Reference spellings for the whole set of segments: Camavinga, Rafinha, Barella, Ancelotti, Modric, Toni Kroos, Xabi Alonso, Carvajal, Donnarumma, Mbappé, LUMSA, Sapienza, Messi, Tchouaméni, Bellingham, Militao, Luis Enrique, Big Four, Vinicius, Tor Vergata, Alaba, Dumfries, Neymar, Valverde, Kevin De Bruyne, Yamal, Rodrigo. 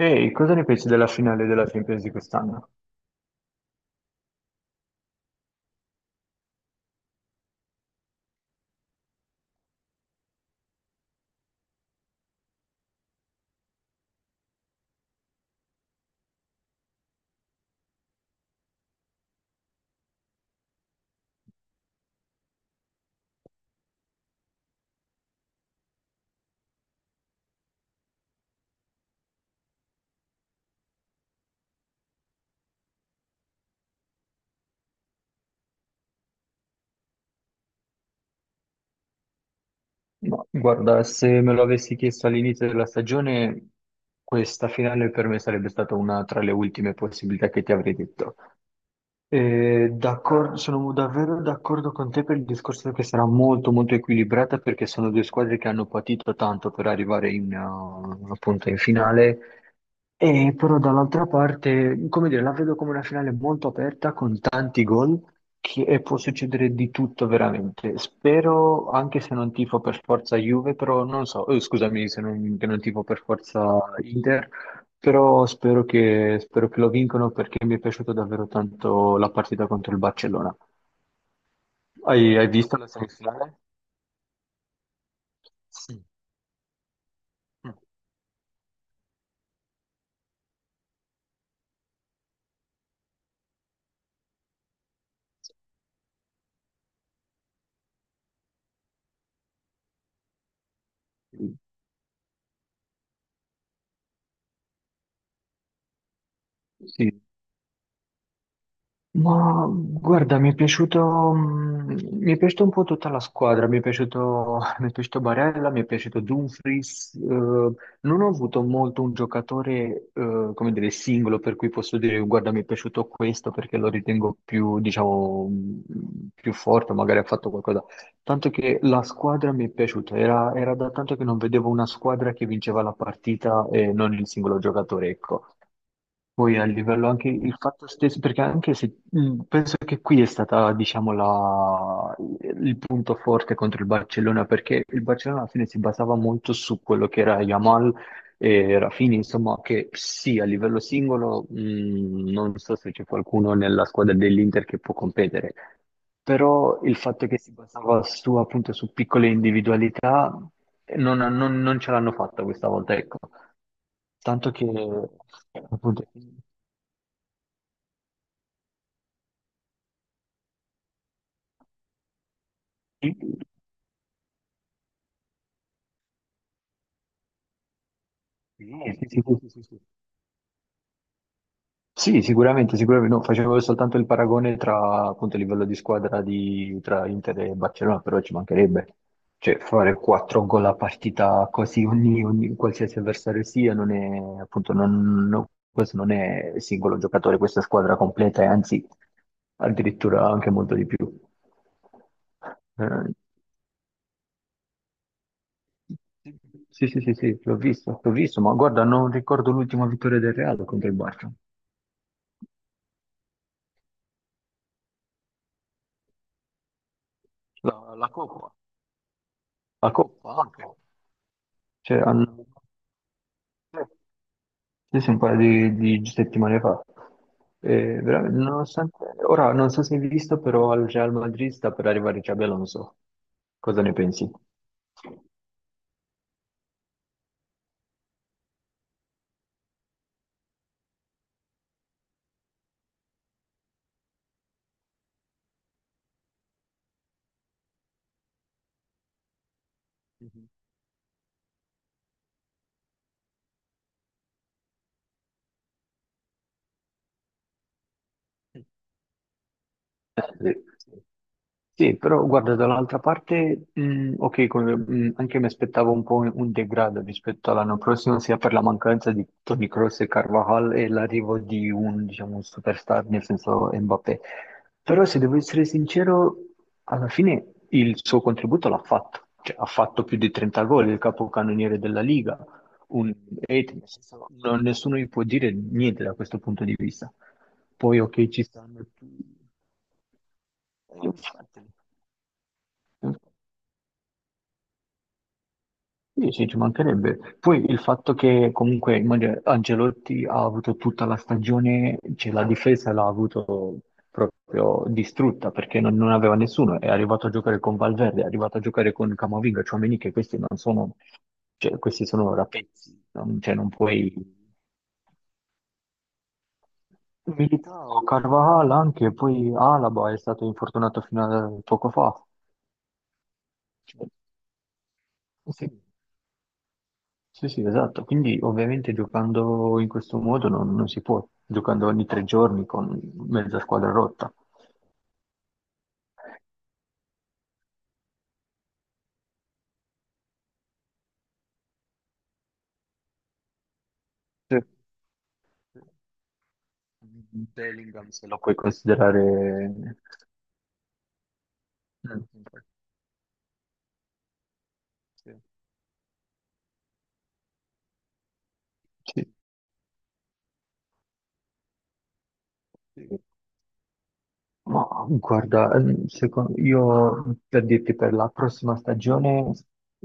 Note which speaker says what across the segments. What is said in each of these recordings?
Speaker 1: Ehi, cosa ne pensi della finale della Champions di quest'anno? Ma guarda, se me lo avessi chiesto all'inizio della stagione, questa finale per me sarebbe stata una tra le ultime possibilità che ti avrei detto. Sono davvero d'accordo con te per il discorso che sarà molto equilibrata perché sono due squadre che hanno patito tanto per arrivare in, appunto in finale. E però dall'altra parte, come dire, la vedo come una finale molto aperta con tanti gol e può succedere di tutto veramente. Spero, anche se non tifo per forza Juve, però non so, scusami se non, che non tifo per forza Inter, però spero che lo vincono perché mi è piaciuta davvero tanto la partita contro il Barcellona. Hai visto la semifinale? Sì. Mm. Sì. Ma guarda, mi è piaciuto, mi è piaciuta un po' tutta la squadra, mi è piaciuto, mi è piaciuto Barella, mi è piaciuto Dumfries, non ho avuto molto un giocatore, come dire, singolo per cui posso dire guarda mi è piaciuto questo perché lo ritengo più, diciamo, più forte, magari ha fatto qualcosa, tanto che la squadra mi è piaciuta, era da tanto che non vedevo una squadra che vinceva la partita e non il singolo giocatore, ecco. Poi a livello anche il fatto stesso, perché anche se penso che qui è stata, diciamo, la- il punto forte contro il Barcellona, perché il Barcellona alla fine si basava molto su quello che era Yamal e Rafinha, insomma, che sì, a livello singolo, non so se c'è qualcuno nella squadra dell'Inter che può competere, però il fatto che si basava su, appunto, su piccole individualità non ce l'hanno fatta questa volta, ecco. Tanto che appunto, sì, sì, sì, sì, sì, sì. Sì, sì, sicuramente, sicuramente. No, facevo soltanto il paragone tra appunto il livello di squadra di, tra Inter e Barcellona, però ci mancherebbe. Cioè, fare quattro gol a partita così ogni, ogni- qualsiasi avversario sia, non è, appunto, non- no, questo non è singolo giocatore, questa è squadra completa e anzi addirittura anche molto di più. Eh, sì, sì, sì, sì, l'ho visto, ma guarda, non ricordo l'ultima vittoria del Real contro il Barça. La Coppa, la Coppa, cioè hanno sì, sì, un paio di settimane fa. E veramente, nonostante, ora non so se hai visto, però al Real Madrid sta per arrivare Xabi Alonso. Cosa ne pensi? Mhm. Sì. Sì, però guarda, dall'altra parte, ok, come- anche mi aspettavo un po' un degrado rispetto all'anno prossimo, sia per la mancanza di Toni Kroos e Carvajal e l'arrivo di un, diciamo, un superstar, nel senso Mbappé. Però se devo essere sincero, alla fine il suo contributo l'ha fatto, cioè ha fatto più di 30 gol, il capocannoniere della Liga, un rete, nel senso, non- nessuno gli può dire niente da questo punto di vista. Poi ok, ci stanno... tu- infatti. Sì, sì, ci mancherebbe. Poi il fatto che comunque immagino, Ancelotti ha avuto tutta la stagione, cioè la difesa l'ha avuto proprio distrutta perché non aveva nessuno, è arrivato a giocare con Valverde, è arrivato a giocare con Camavinga, Tchouaméni, che questi non sono, cioè, questi sono rapezzi, non, cioè, non puoi... Militao, Carvajal anche, poi Alaba è stato infortunato fino a poco fa. Cioè, sì, sì, sì, esatto. Quindi ovviamente giocando in questo modo non si può, giocando ogni tre giorni con mezza squadra rotta. Sì. Bellingham se lo puoi considerare... Mm. Sì. Sì. Ma guarda, io per dirti per la prossima stagione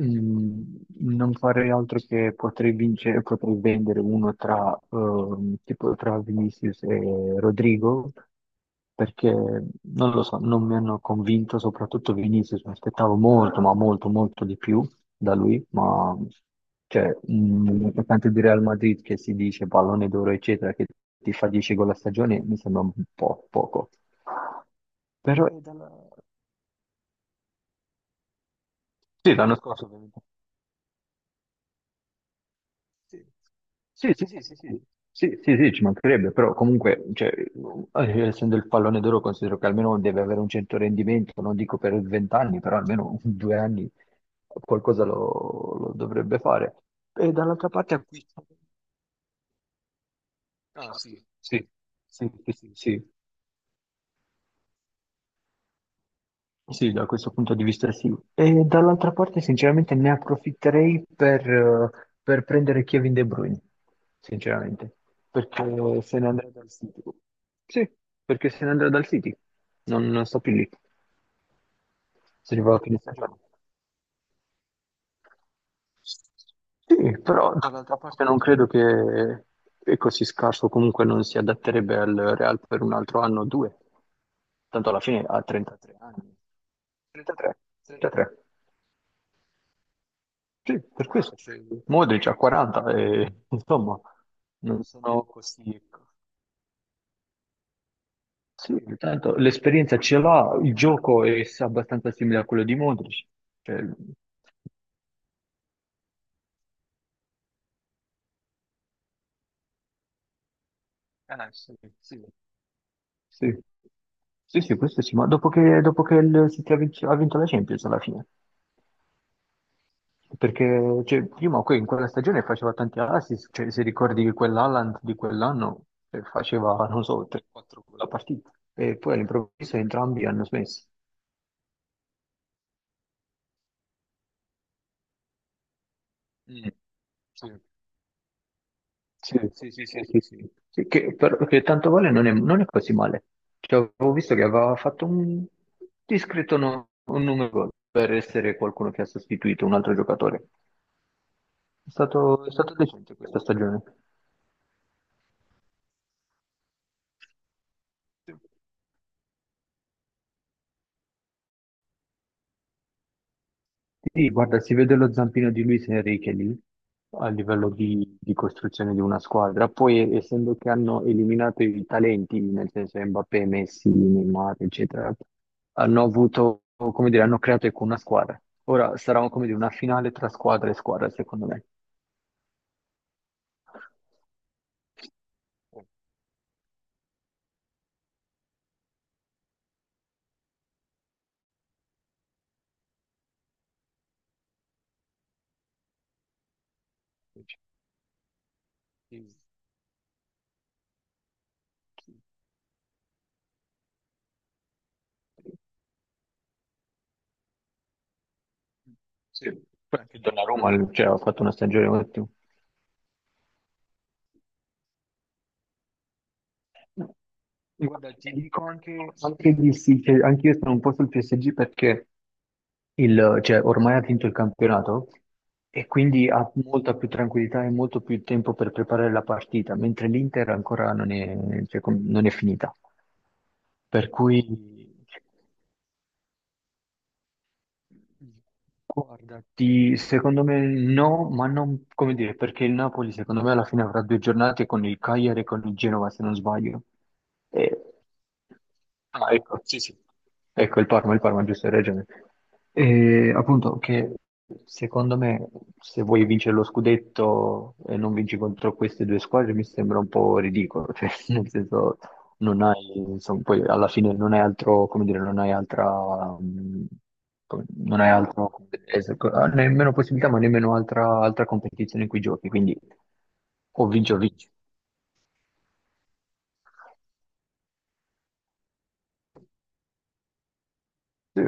Speaker 1: mm, non farei altro che potrei vincere, potrei vendere uno tra, tipo tra Vinicius e Rodrigo, perché non lo so, non mi hanno convinto, soprattutto Vinicius, mi aspettavo molto, ma molto di più da lui, ma cioè, un attaccante di Real Madrid che si dice pallone d'oro, eccetera, che ti fa 10 gol a stagione, mi sembra un po' poco. Però è dalla- Sì, l'anno scorso ovviamente. Sì, sì, sì, sì, sì, sì. Sì, sì, sì, ci mancherebbe, però comunque, cioè, essendo il pallone d'oro, considero che almeno deve avere un certo rendimento, non dico per 20 anni, però almeno due anni qualcosa lo dovrebbe fare. E dall'altra parte acquista. Sì, sì, sì, sì, sì, sì, da questo punto di vista sì. E dall'altra parte, sinceramente, ne approfitterei per prendere Kevin De Bruyne, sinceramente, perché se ne andrà dal City. Sì, perché se ne andrà dal City, non sto più lì, se ne va a fine stagione. Sì, però dall'altra parte non credo che è così scarso, comunque non si adatterebbe al Real per un altro anno o due, tanto alla fine ha 33 anni. 33, 33. Sì, per questo. C'è Modric ha 40 e insomma non sono così, ecco. Sì, tanto l'esperienza ce l'ha, il gioco è abbastanza simile a quello di Modric. Cioè, sì. Sì, sì, questo sì, ma dopo che il City ha vinto la Champions alla fine, perché cioè, prima que- in quella stagione faceva tanti assist, cioè, se ricordi che quell'Haaland di quell'anno faceva, non so, 3-4 la partita, e poi all'improvviso entrambi hanno smesso. Mm. Sì, sì, sì, sì, sì, sì. Sì, che, per- che tanto vale non è, non è così male. Cioè, avevo visto che aveva fatto un discreto no- un numero gol per essere qualcuno che ha sostituito un altro giocatore. È stato decente questa stagione. Sì, guarda, si vede lo zampino di Luis Enrique lì a livello di costruzione di una squadra. Poi, essendo che hanno eliminato i talenti, nel senso Mbappé, Messi, Neymar, eccetera, hanno avuto, come dire, hanno creato ecco, una squadra. Ora sarà, come dire, una finale tra squadra e squadra, secondo me. Sì, poi anche Donnarumma, cioè, ha fatto una stagione ottima. Guarda, ti dico anche, anche di sì, che anche io sono un po' sul PSG perché il- cioè, ormai ha vinto il campionato e quindi ha molta più tranquillità e molto più tempo per preparare la partita, mentre l'Inter ancora non è, cioè, com- non è finita. Per cui guarda, ti- secondo me no, ma non come dire, perché il Napoli secondo me alla fine avrà due giornate con il Cagliari e con il Genova, se non sbaglio. E- ah, ecco, sì, sì. Ecco, il Parma, giusto, hai ragione. E, appunto, che secondo me se vuoi vincere lo scudetto e non vinci contro queste due squadre mi sembra un po' ridicolo, cioè, nel senso, non hai, insomma, poi alla fine non hai altro, come dire, non hai altra, mh, come- non hai altro, come dire, es- co- ah, nemmeno possibilità, ma nemmeno altra, altra competizione in cui giochi, quindi o vinci o vinci. Sì.